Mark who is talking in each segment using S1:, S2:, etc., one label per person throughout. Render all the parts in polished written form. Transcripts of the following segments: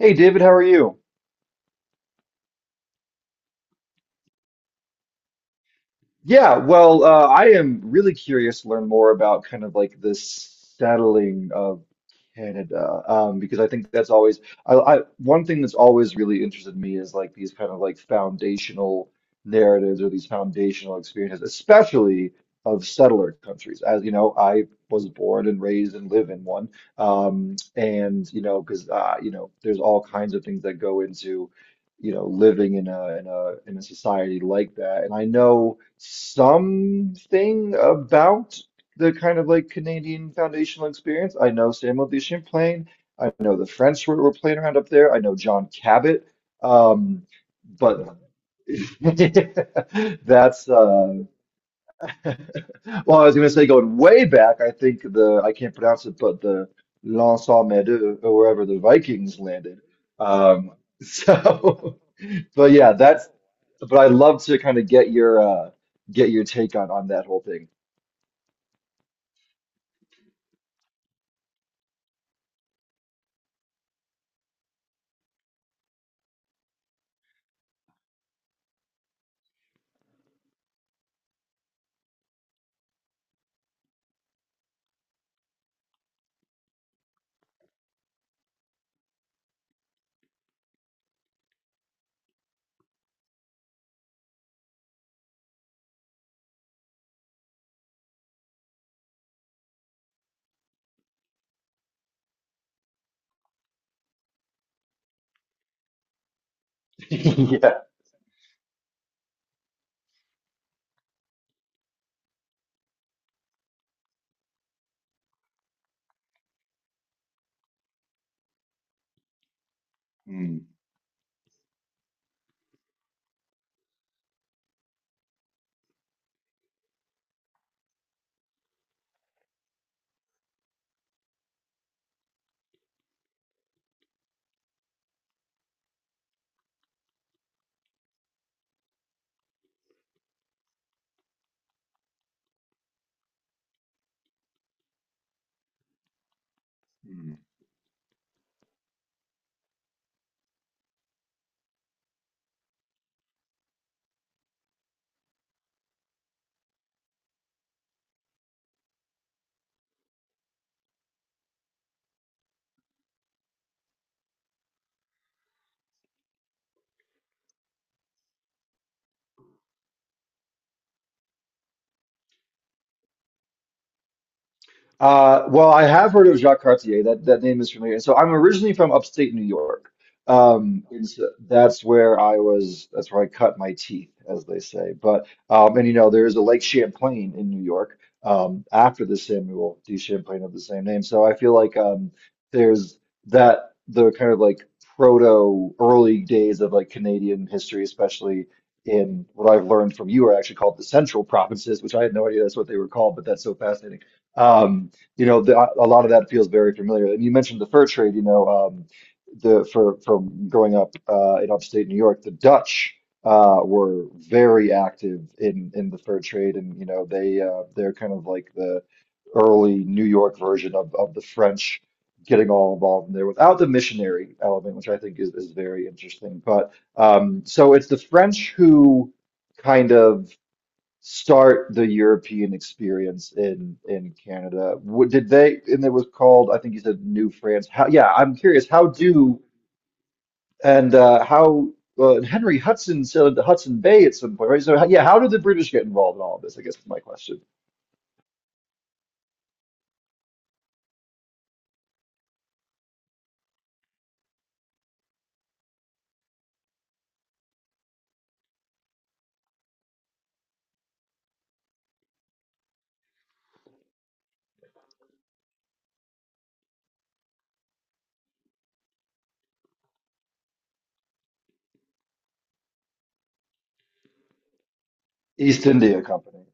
S1: Hey David, how are you? I am really curious to learn more about kind of like the settling of Canada, because I think that's always I one thing that's always really interested me is like these kind of like foundational narratives or these foundational experiences, especially of settler countries. As you know, I was born and raised and live in one, and you know, because there's all kinds of things that go into you know, living in a society like that. And I know something about the kind of like Canadian foundational experience. I know Samuel de Champlain. I know the French were playing around up there. I know John Cabot. Um, but that's well, I was gonna say going way back, I think the I can't pronounce it, but the L'Anse aux Meadows or wherever the Vikings landed. Um, so But yeah, that's but I would love to kind of get your take on that whole thing. Yeah. Mm. Mm. I have heard of Jacques Cartier. That name is familiar. So I'm originally from upstate New York. And so that's where I was. That's where I cut my teeth, as they say. But and you know, there is a Lake Champlain in New York after the Samuel D. Champlain of the same name. So I feel like there's the kind of like proto early days of like Canadian history, especially in what I've learned from you, are actually called the Central Provinces, which I had no idea that's what they were called, but that's so fascinating. Um, you know, a lot of that feels very familiar. And you mentioned the fur trade, you know, the for from growing up in upstate New York, the Dutch were very active in the fur trade, and you know, they're kind of like the early New York version of the French getting all involved in there without the missionary element, which I think is very interesting. But so it's the French who kind of start the European experience in Canada. What did they, and it was called, I think you said, New France. I'm curious, how do and how and Henry Hudson sailed into Hudson Bay at some point, right? So yeah, how did the British get involved in all of this? I guess is my question. East India Company.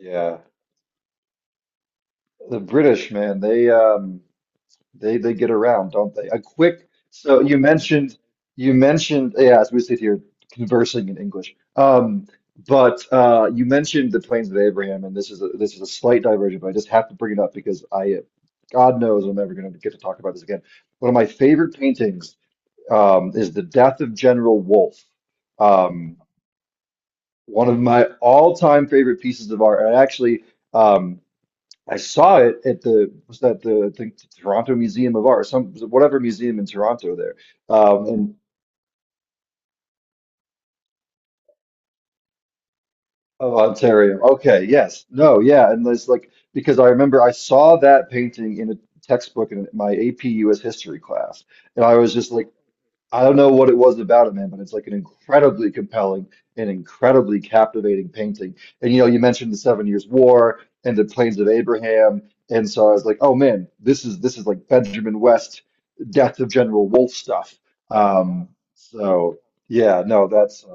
S1: Yeah, the British, man, they get around, don't they? A quick, so you mentioned you mentioned, yeah, as we sit here conversing in English. But you mentioned the Plains of Abraham, and this is a slight diversion, but I just have to bring it up because I, God knows, I'm never going to get to talk about this again. One of my favorite paintings is The Death of General Wolfe. Um, One of my all-time favorite pieces of art. And I actually. Um, I saw it at the was that the I think Toronto Museum of Art, some whatever museum in Toronto there, in of Ontario. Okay, yes, no, yeah, and it's like because I remember I saw that painting in a textbook in my AP US history class, and I was just like, I don't know what it was about it, man, but it's like an incredibly compelling and incredibly captivating painting. And you know, you mentioned the Seven Years' War and the Plains of Abraham, and so I was like, oh man, this is like Benjamin West, Death of General Wolfe stuff. Um, so yeah, no, that's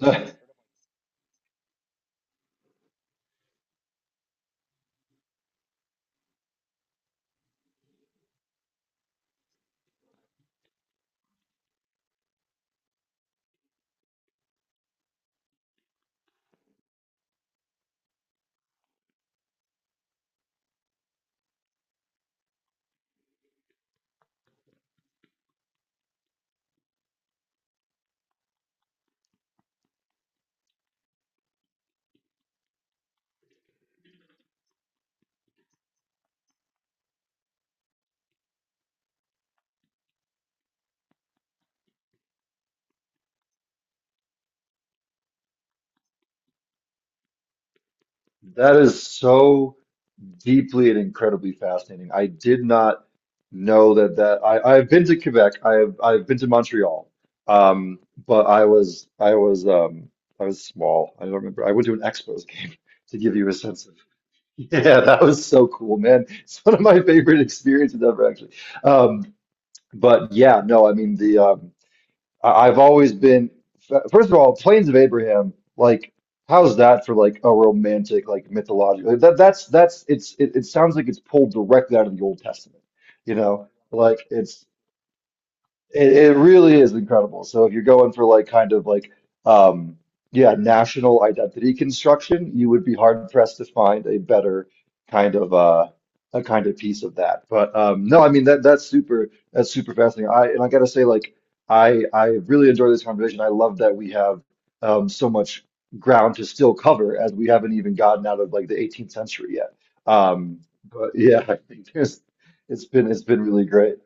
S1: uh, that is so deeply and incredibly fascinating. I did not know that I I've been to Quebec. I've been to Montreal. Um, but I was I was I was small. I don't remember. I went to an Expos game to give you a sense of. Yeah, that was so cool, man. It's one of my favorite experiences ever, actually. Um, but yeah, no, I mean I've always been, first of all, Plains of Abraham, like, how's that for like a romantic, like mythological? Like, That that's it's it, it sounds like it's pulled directly out of the Old Testament, you know? It really is incredible. So if you're going for like kind of like um yeah, national identity construction, you would be hard pressed to find a better kind of a kind of piece of that. But no, I mean that's super fascinating. I and I gotta say like I really enjoy this conversation. I love that we have so much ground to still cover as we haven't even gotten out of like the 18th century yet. Um but yeah, I think there's it's been really great.